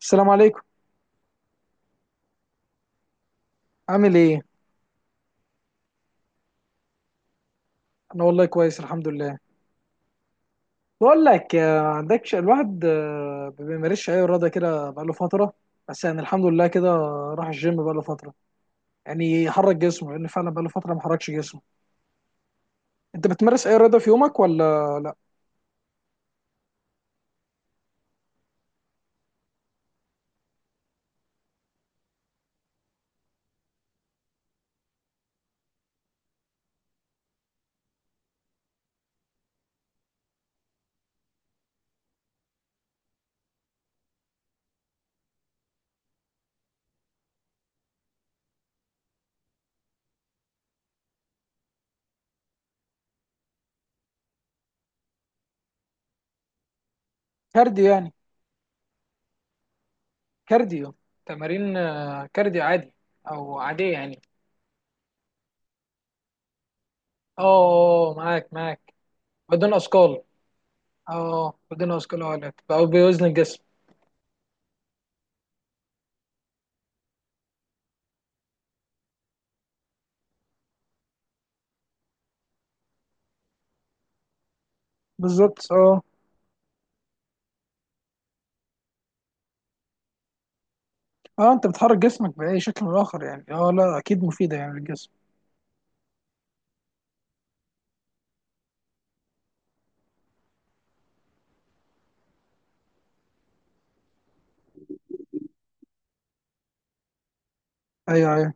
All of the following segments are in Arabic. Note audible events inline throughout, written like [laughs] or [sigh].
السلام عليكم. عامل ايه؟ انا والله كويس، الحمد لله. بقول لك عندكش الواحد ما بيمارسش اي رياضه كده بقاله فتره. بس يعني الحمد لله كده. راح الجيم بقاله فتره، يعني يحرك جسمه، لان فعلا بقاله فتره ما حركش جسمه. انت بتمارس اي رياضه في يومك ولا لا؟ كارديو يعني؟ كارديو. تمارين كارديو عادي او عاديه يعني. اه، معاك معاك. بدون اثقال. اه بدون اثقال. اه لا، بقى بوزن الجسم. بالظبط اه. اه، انت بتحرك جسمك باي شكل من الاخر يعني. اه لا، اكيد مفيده يعني للجسم. ايوه ايوه.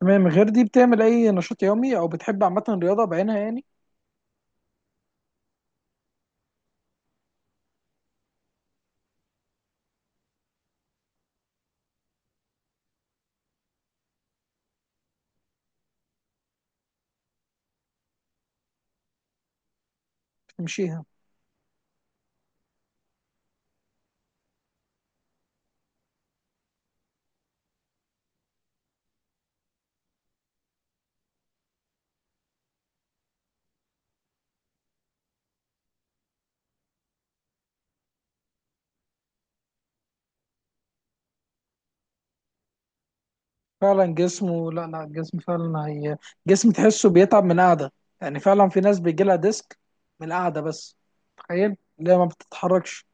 تمام. غير دي بتعمل اي نشاط يومي، او بتحب عامه الرياضه بعينها يعني؟ تمشيها. فعلا جسمه، لا لا، الجسم فعلا هي جسم تحسه بيتعب من القعده. يعني فعلا في ناس بيجي لها ديسك من القعده بس. تخيل اللي هي ما بتتحركش.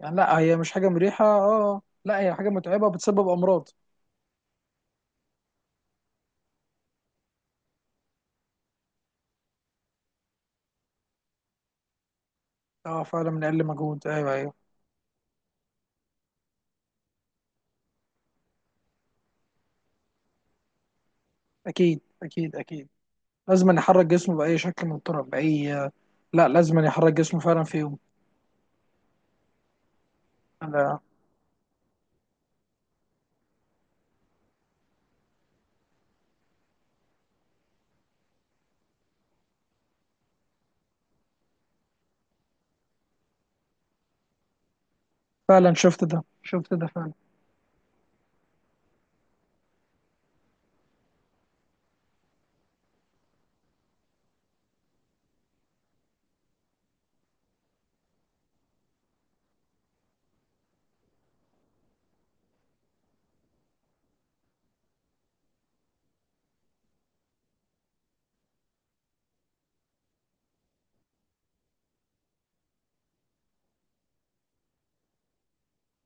يعني لا، هي مش حاجه مريحه. اه اه. لا هي حاجه متعبه، بتسبب امراض. اه فعلا، من اقل مجهود، ايوه ايوه. اكيد اكيد اكيد. لازم نحرك جسمه باي شكل من الطرق، لا لازم أن يحرك جسمه فعلا في يوم. أنا فعلا شفت ده شفت ده فعلا.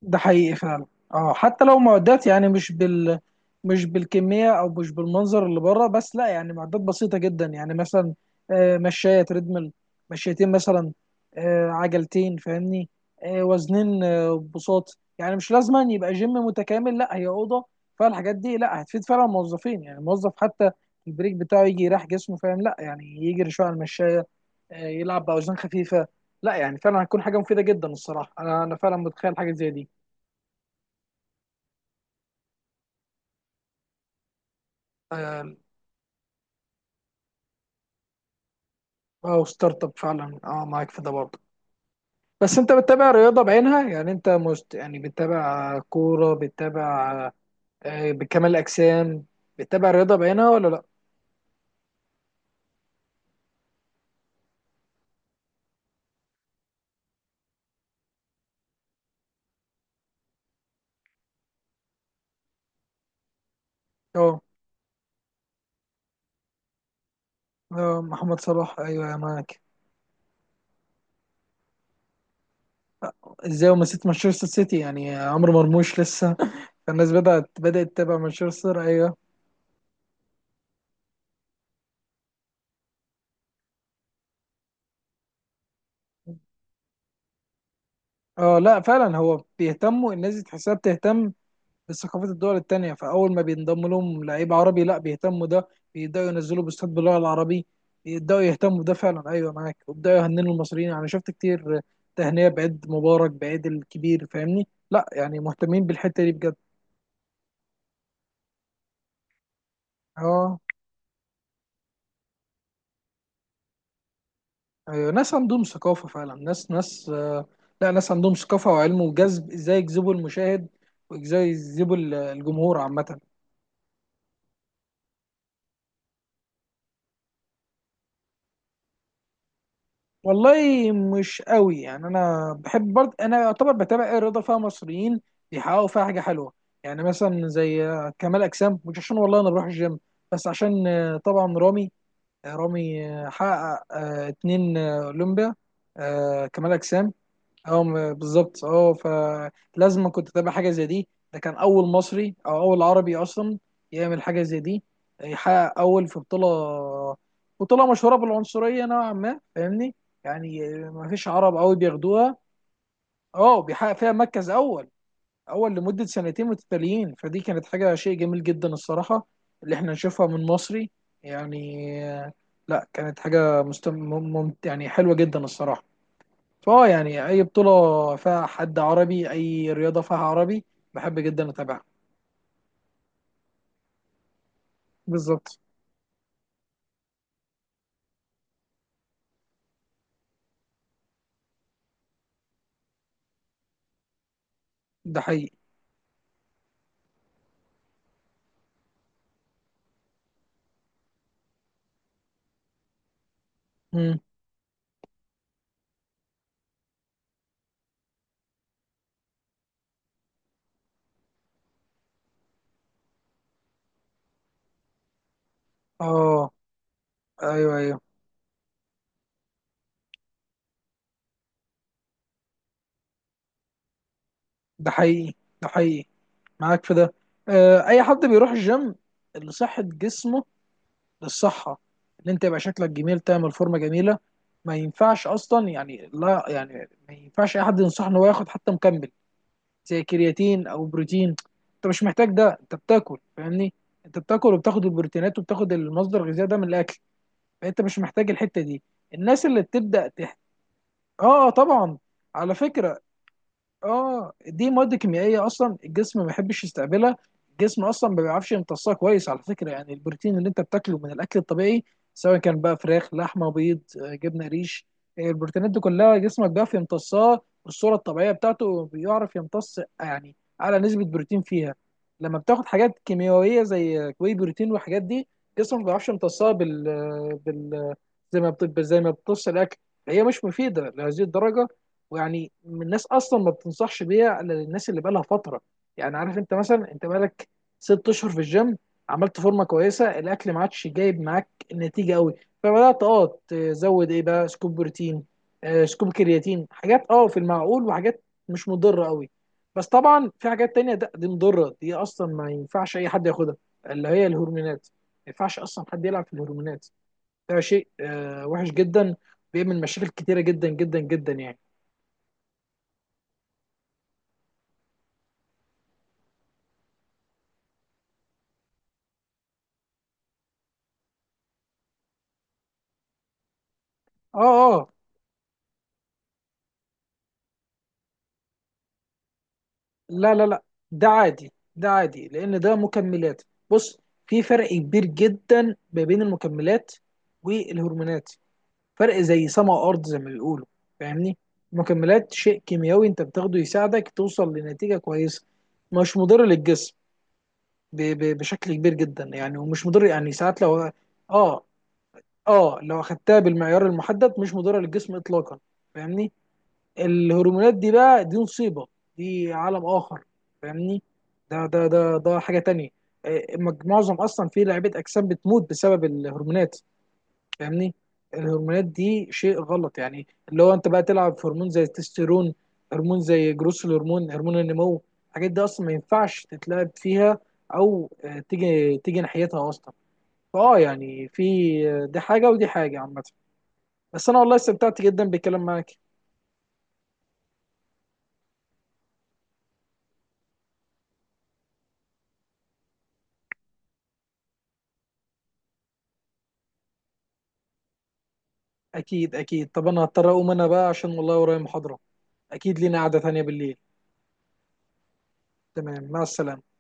ده حقيقي فعلا. اه حتى لو معدات، يعني مش بالكمية أو مش بالمنظر اللي بره، بس لا يعني معدات بسيطة جدا يعني. مثلا مشاية تريدميل، مشيتين مثلا، عجلتين، فاهمني، وزنين، بساط. يعني مش لازم أن يبقى جيم متكامل، لا هي أوضة. فالحاجات دي لا هتفيد فعلا الموظفين. يعني الموظف حتى البريك بتاعه يجي يريح جسمه، فاهم؟ لا يعني يجري شوية على المشاية، يلعب باوزان خفيفه. لا يعني فعلا هتكون حاجه مفيده جدا الصراحه. انا فعلا متخيل حاجه زي دي. اه. أو ستارت اب، فعلا اه معاك في ده برضه. بس انت بتتابع رياضه بعينها يعني؟ انت يعني بتتابع كوره، بتتابع بكمال الاجسام؟ بتتابع رياضه بعينها ولا لا؟ اه. محمد صلاح، ايوه يا معاك. ازاي وما نسيت مانشستر سيتي، يعني عمرو مرموش لسه. [laughs] فالناس بدات تتابع مانشستر، ايوه. اه لا، فعلا هو بيهتموا، الناس دي تحسها بتهتم ثقافات الدول التانية. فأول ما بينضم لهم لعيب عربي، لا بيهتموا ده، بيبدأوا ينزلوا بوستات باللغة العربية، يبدأوا يهتموا بده فعلا. أيوه معاك. وبدأوا يهننوا المصريين، أنا شفت كتير تهنئة بعيد مبارك، بعيد الكبير. فاهمني، لا يعني مهتمين بالحتة دي بجد. اه أيوه، ناس عندهم ثقافة فعلا. ناس ناس لا، ناس عندهم ثقافة وعلم وجذب، ازاي يجذبوا المشاهد وازاي يجذبوا الجمهور عامة. والله مش قوي يعني. انا بحب برضه، انا يعتبر بتابع ايه، رضا فيها مصريين بيحققوا فيها حاجه حلوه. يعني مثلا زي كمال اجسام. مش عشان والله انا بروح الجيم، بس عشان طبعا رامي، رامي حقق 2 اولمبيا، كمال اجسام. اه بالظبط اه. فلازم كنت اتابع حاجه زي دي. ده كان اول مصري او اول عربي اصلا يعمل حاجه زي دي، يحقق اول في بطوله. بطوله مشهوره بالعنصريه نوعا ما، فاهمني. يعني ما فيش عرب قوي بياخدوها. اه، بيحقق فيها مركز اول، اول لمده سنتين متتاليين. فدي كانت حاجه، شيء جميل جدا الصراحه اللي احنا نشوفها من مصري يعني. لا كانت حاجه يعني حلوه جدا الصراحه. فاه يعني اي بطولة فيها حد عربي، اي رياضة فيها عربي، بحب جدا اتابعها. بالظبط. ده حقيقي. مم. اه ايوه ايوه. ده حقيقي ده حقيقي، معاك في ده. آه اي حد بيروح الجيم لصحة جسمه، للصحة، ان انت يبقى شكلك جميل، تعمل فورمة جميلة. ما ينفعش اصلا يعني، لا يعني ما ينفعش اي حد ينصح ان هو ياخد حتى مكمل، زي كرياتين او بروتين. انت مش محتاج ده، انت بتاكل فاهمني. انت بتاكل وبتاخد البروتينات وبتاخد المصدر الغذائي ده من الاكل، فانت مش محتاج الحته دي. الناس اللي بتبدا اه طبعا، على فكره. اه دي مواد كيميائيه اصلا الجسم ما بيحبش يستقبلها. الجسم اصلا ما بيعرفش يمتصها كويس، على فكره. يعني البروتين اللي انت بتاكله من الاكل الطبيعي، سواء كان بقى فراخ، لحمه، بيض، جبنه، ريش، البروتينات دي كلها جسمك بيعرف يمتصها بالصوره الطبيعيه بتاعته، بيعرف يمتص يعني اعلى نسبه بروتين فيها. لما بتاخد حاجات كيميائيه زي واي بروتين والحاجات دي، جسمك ما بيعرفش يمتصها بال آه، بال آه، زي ما زي ما بتمتص الاكل. هي مش مفيده لهذه الدرجه. ويعني من الناس اصلا ما بتنصحش بيها الا للناس اللي بقالها فتره. يعني عارف، انت مثلا انت بقالك 6 اشهر في الجيم، عملت فورمه كويسه، الاكل ما عادش جايب معاك النتيجه قوي، فبدات اه تزود ايه بقى، سكوب بروتين، سكوب كرياتين، حاجات اه في المعقول، وحاجات مش مضره قوي. بس طبعا في حاجات تانية، ده دي مضره، دي اصلا ما ينفعش اي حد ياخدها، اللي هي الهرمونات. ما ينفعش اصلا حد يلعب في الهرمونات. ده شيء وحش جدا، بيعمل مشاكل كتيره جدا جدا جدا يعني. اه اه، لا لا لا، ده عادي ده عادي، لان ده مكملات. بص، في فرق كبير جدا ما بين المكملات والهرمونات. فرق زي سما وارض، زي ما بيقولوا، فاهمني. المكملات شيء كيميائي انت بتاخده يساعدك توصل لنتيجة كويسة، مش مضر للجسم ب ب بشكل كبير جدا يعني. ومش مضر يعني، ساعات لو اه اه لو اخدتها بالمعيار المحدد، مش مضرة للجسم اطلاقا، فاهمني. الهرمونات دي بقى، دي مصيبه، دي عالم اخر، فاهمني. ده حاجه تانية. معظم اصلا في لعيبه اجسام بتموت بسبب الهرمونات، فاهمني. الهرمونات دي شيء غلط، يعني اللي هو انت بقى تلعب في هرمون زي التستيرون، هرمون زي جروس الهرمون، هرمون النمو. الحاجات دي اصلا ما ينفعش تتلعب فيها، او تيجي ناحيتها اصلا. فاه يعني في دي حاجه، ودي حاجه عامه. بس انا والله استمتعت جدا بالكلام معاك. اكيد اكيد، طب انا هضطر اقوم انا بقى عشان والله ورايا محاضرة. اكيد لينا قعدة تانية بالليل. تمام، مع السلامة.